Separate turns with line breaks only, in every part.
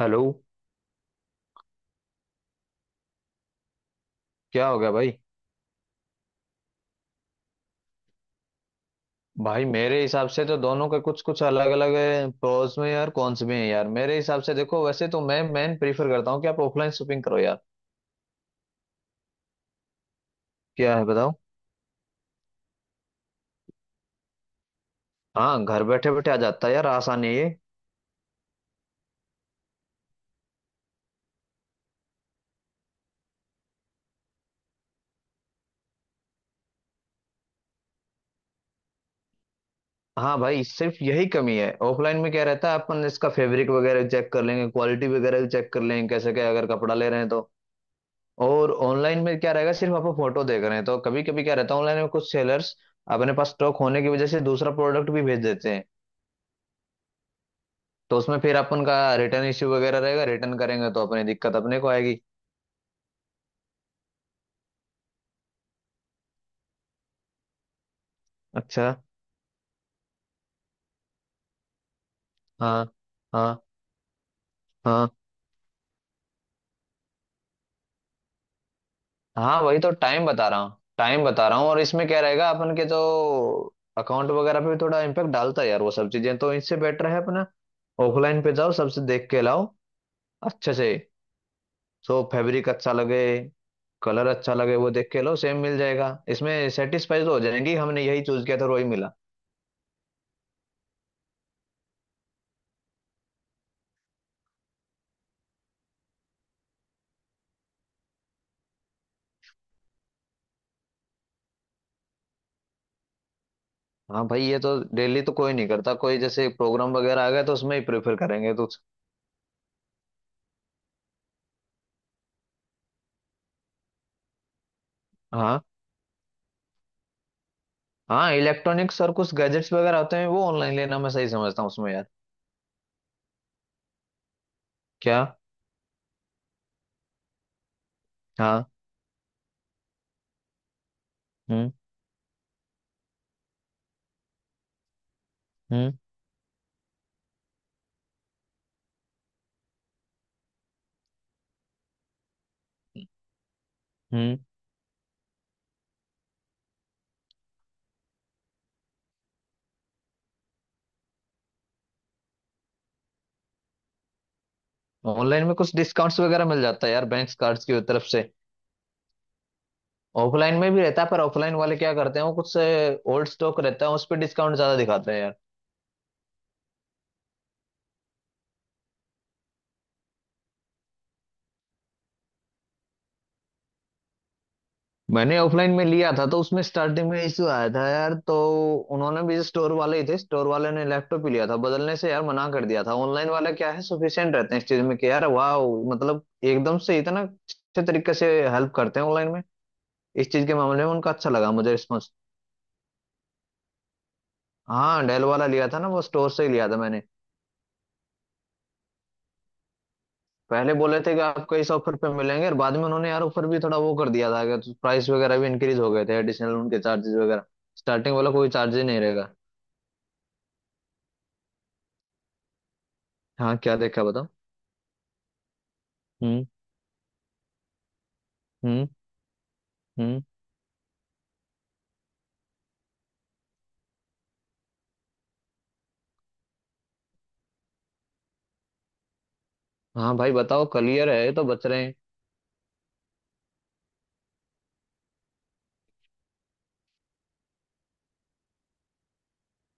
Hello. क्या हो गया भाई। भाई मेरे हिसाब से तो दोनों के कुछ कुछ अलग अलग प्रोज में यार, कॉन्स में है यार। मेरे हिसाब से देखो, वैसे तो मैं प्रीफर करता हूँ कि आप ऑफलाइन शॉपिंग करो यार। क्या है बताओ? हाँ, घर बैठे बैठे आ जाता है यार, आसान है ये। हाँ भाई, सिर्फ यही कमी है। ऑफलाइन में क्या रहता है, अपन इसका फैब्रिक वगैरह चेक कर लेंगे, क्वालिटी वगैरह भी चेक कर लेंगे कैसे क्या, अगर कपड़ा ले रहे हैं तो। और ऑनलाइन में क्या रहेगा, सिर्फ आप फोटो देख रहे हैं, तो कभी कभी क्या रहता है ऑनलाइन में, कुछ सेलर्स अपने पास स्टॉक होने की वजह से दूसरा प्रोडक्ट भी भेज देते हैं। तो उसमें फिर अपन का रिटर्न इश्यू वगैरह रहेगा, रिटर्न करेंगे तो अपनी दिक्कत अपने को आएगी। अच्छा। हाँ। हाँ। हाँ। हाँ, वही तो टाइम बता रहा हूँ, टाइम बता रहा हूँ। और इसमें क्या रहेगा, अपन के जो अकाउंट वगैरह पे भी थोड़ा इम्पेक्ट डालता है यार वो सब चीजें, तो इससे बेटर है अपना ऑफलाइन पे जाओ, सबसे देख के लाओ अच्छे से। तो फैब्रिक अच्छा लगे, कलर अच्छा लगे, वो देख के लो, सेम मिल जाएगा। इसमें सेटिस्फाइड हो जाएंगी, हमने यही चूज किया था और वही मिला। हाँ भाई, ये तो डेली तो कोई नहीं करता, कोई जैसे प्रोग्राम वगैरह आ गया तो उसमें ही प्रेफर करेंगे तो। हाँ, हाँ, इलेक्ट्रॉनिक्स और कुछ गैजेट्स वगैरह होते हैं वो ऑनलाइन लेना मैं सही समझता हूँ उसमें यार। क्या? हाँ। हम्म। हम्म। हम्म। ऑनलाइन में कुछ डिस्काउंट्स वगैरह मिल जाता है यार, बैंक कार्ड्स की तरफ से। ऑफलाइन में भी रहता है, पर ऑफलाइन वाले क्या करते हैं, वो कुछ ओल्ड स्टॉक रहता है उस पर डिस्काउंट ज्यादा दिखाते हैं यार। मैंने ऑफलाइन में लिया था तो उसमें स्टार्टिंग में इशू आया था यार, तो उन्होंने भी, स्टोर वाले ही थे, स्टोर वाले ने लैपटॉप ही लिया था बदलने से यार मना कर दिया था। ऑनलाइन वाला क्या है, सफिशिएंट रहते हैं इस चीज में कि यार वाह, मतलब एकदम से इतना अच्छे तरीके से हेल्प करते हैं ऑनलाइन में। इस चीज के मामले में उनका अच्छा लगा मुझे रिस्पॉन्स। हाँ डेल वाला लिया था ना, वो स्टोर से ही लिया था मैंने। पहले बोले थे कि आपको इस ऑफर पे मिलेंगे और बाद में उन्होंने यार ऑफर भी थोड़ा वो कर दिया था कि प्राइस वगैरह भी इंक्रीज हो गए थे, एडिशनल उनके चार्जेस वगैरह। स्टार्टिंग वाला कोई चार्ज ही नहीं रहेगा। हाँ, क्या देखा बताओ? हम्म। हम्म। हम्म। हाँ भाई बताओ, क्लियर है तो बच रहे हैं।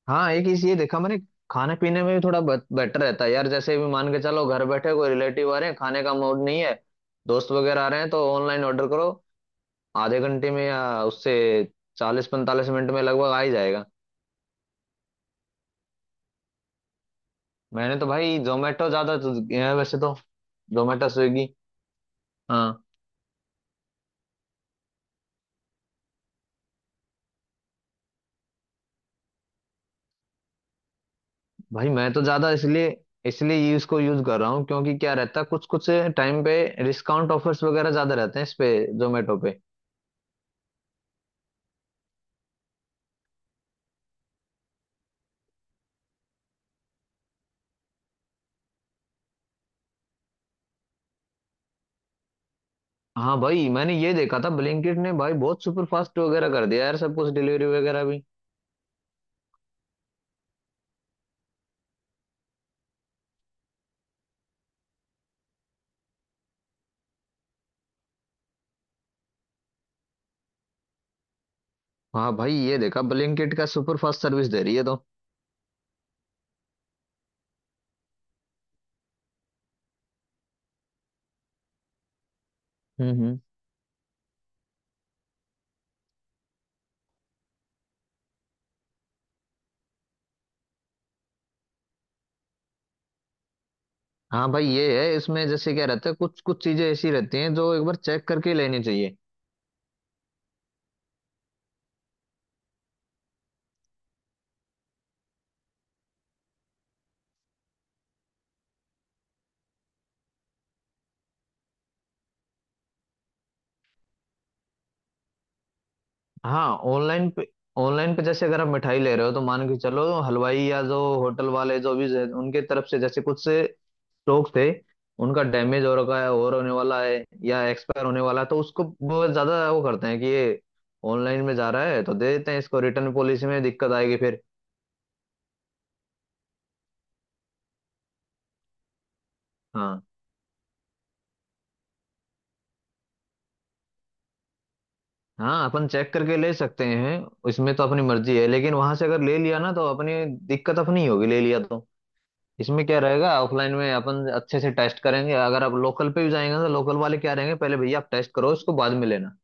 हाँ एक चीज ये देखा मैंने, खाने पीने में भी थोड़ा बेटर रहता है यार, जैसे भी मान के चलो घर बैठे कोई रिलेटिव आ रहे हैं, खाने का मूड नहीं है, दोस्त वगैरह आ रहे हैं तो ऑनलाइन ऑर्डर करो। आधे घंटे में या उससे 40-45 मिनट में लगभग आ ही जाएगा। मैंने तो भाई जोमेटो ज्यादा तो किया है वैसे तो, जोमेटो, स्विगी। हाँ भाई, मैं तो ज्यादा इसलिए इसलिए ये इसको यूज कर रहा हूँ, क्योंकि क्या रहता है, कुछ कुछ टाइम पे डिस्काउंट ऑफर्स वगैरह ज्यादा रहते हैं इस पे, जोमेटो पे। हाँ भाई मैंने ये देखा था, ब्लिंकिट ने भाई बहुत सुपर फास्ट वगैरह कर दिया यार सब कुछ, डिलीवरी वगैरह भी। हाँ भाई ये देखा, ब्लिंकिट का सुपर फास्ट सर्विस दे रही है तो। हम्म। हम्म। हाँ भाई ये है इसमें, जैसे क्या रहता है कुछ कुछ चीजें ऐसी रहती हैं जो एक बार चेक करके ही लेनी चाहिए। हाँ ऑनलाइन पे, ऑनलाइन पे जैसे अगर आप मिठाई ले रहे हो तो मान के चलो हलवाई या जो होटल वाले जो भी हैं, उनके तरफ से जैसे कुछ स्टॉक थे, उनका डैमेज हो रखा है और होने वाला है या एक्सपायर होने वाला है तो उसको बहुत ज्यादा वो करते हैं कि ये ऑनलाइन में जा रहा है तो दे देते हैं इसको, रिटर्न पॉलिसी में दिक्कत आएगी फिर। हाँ, हाँ, अपन चेक करके ले सकते हैं, इसमें तो अपनी मर्जी है लेकिन वहां से अगर ले लिया ना तो अपनी दिक्कत अपनी ही होगी, ले लिया तो। इसमें क्या रहेगा, ऑफलाइन में अपन अच्छे से टेस्ट करेंगे, अगर आप लोकल पे भी जाएंगे तो लोकल वाले क्या रहेंगे, पहले भैया आप टेस्ट करो उसको, बाद में लेना।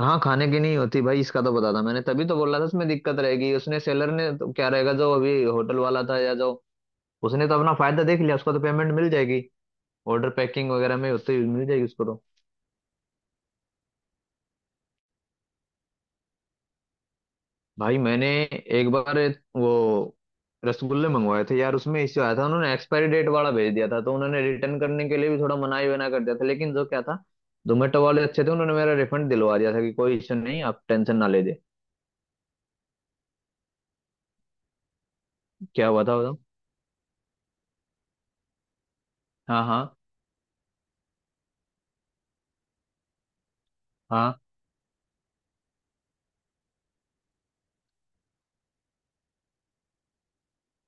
हाँ खाने की नहीं होती भाई, इसका तो पता था, मैंने तभी तो बोला था उसमें दिक्कत रहेगी, उसने सेलर ने तो क्या रहेगा, जो अभी होटल वाला था या जो, उसने तो अपना फायदा देख लिया, उसको तो पेमेंट मिल जाएगी, ऑर्डर पैकिंग वगैरह में होते ही मिल जाएगी उसको तो। भाई मैंने एक बार वो रसगुल्ले मंगवाए थे यार, उसमें इश्यू आया था, उन्होंने एक्सपायरी डेट वाला भेज दिया था, तो उन्होंने रिटर्न करने के लिए भी थोड़ा मनाही वना कर दिया था, लेकिन जो क्या था, जोमेटो वाले अच्छे थे, उन्होंने मेरा रिफंड दिलवा दिया था कि कोई इश्यू नहीं, आप टेंशन ना ले दे। क्या हुआ था बताओ? हाँ। हाँ। हाँ।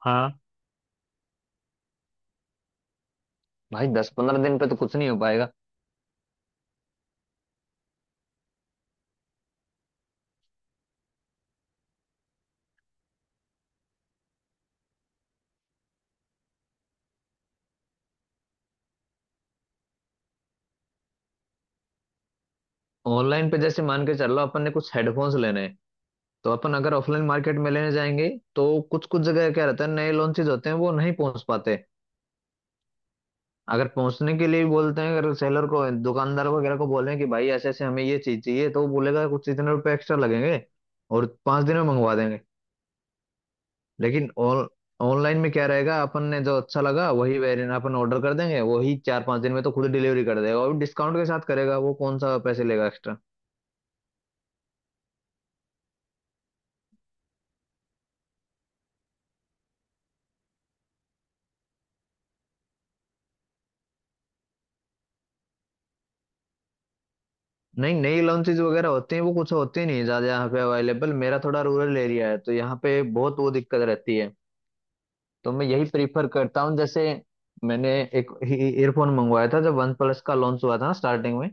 हाँ भाई, 10-15 दिन पे तो कुछ नहीं हो पाएगा। ऑनलाइन पे जैसे मान के चल लो अपन ने कुछ हेडफोन्स लेने हैं, तो अपन अगर ऑफलाइन मार्केट में लेने जाएंगे तो कुछ कुछ जगह क्या रहता है, नए लॉन्चेज होते हैं वो नहीं पहुंच पाते। अगर पहुंचने के लिए भी बोलते हैं, अगर सेलर को, दुकानदार वगैरह को बोले कि भाई ऐसे ऐसे हमें ये चीज चाहिए, तो वो बोलेगा कुछ इतने रुपए एक्स्ट्रा लगेंगे और 5 दिन में मंगवा देंगे। लेकिन ऑन ऑनलाइन में क्या रहेगा, अपन ने जो अच्छा लगा वही वेरिएंट अपन ऑर्डर कर देंगे, वही 4-5 दिन में तो खुद डिलीवरी कर देगा और डिस्काउंट के साथ करेगा, वो कौन सा पैसे लेगा। नहीं, नई लॉन्चेज वगैरह होती हैं वो कुछ होती नहीं है ज्यादा यहाँ पे अवेलेबल, मेरा थोड़ा रूरल एरिया है तो यहाँ पे बहुत वो दिक्कत रहती है। तो मैं यही प्रीफर करता हूँ, जैसे मैंने एक ईयरफोन मंगवाया था जब वन प्लस का लॉन्च हुआ था ना स्टार्टिंग में,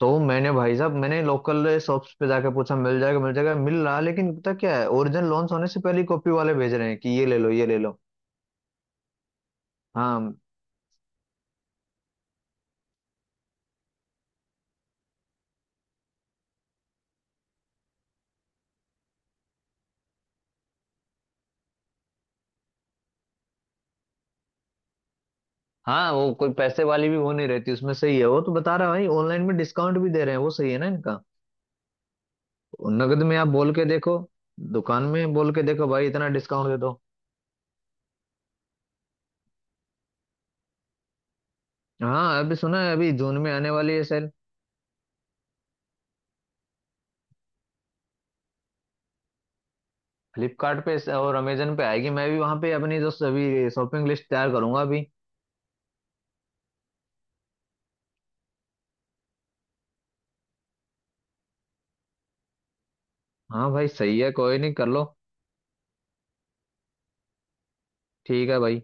तो मैंने भाई साहब मैंने लोकल शॉप्स पे जाके पूछा, मिल जाएगा मिल जाएगा मिल रहा, लेकिन पता क्या है ओरिजिनल लॉन्च होने से पहले ही कॉपी वाले भेज रहे हैं कि ये ले लो ये ले लो। हाँ, हाँ, वो कोई पैसे वाली भी वो नहीं रहती उसमें, सही है वो, तो बता रहा है भाई ऑनलाइन में डिस्काउंट भी दे रहे हैं वो, सही है ना इनका। नगद में आप बोल के देखो, दुकान में बोल के देखो भाई इतना डिस्काउंट दे दो। हाँ अभी सुना है अभी जून में आने वाली है सेल, फ्लिपकार्ट पे और अमेजन पे आएगी, मैं भी वहां पे अपनी जो अभी शॉपिंग लिस्ट तैयार करूंगा अभी। हाँ भाई सही है, कोई नहीं, कर लो। ठीक है भाई।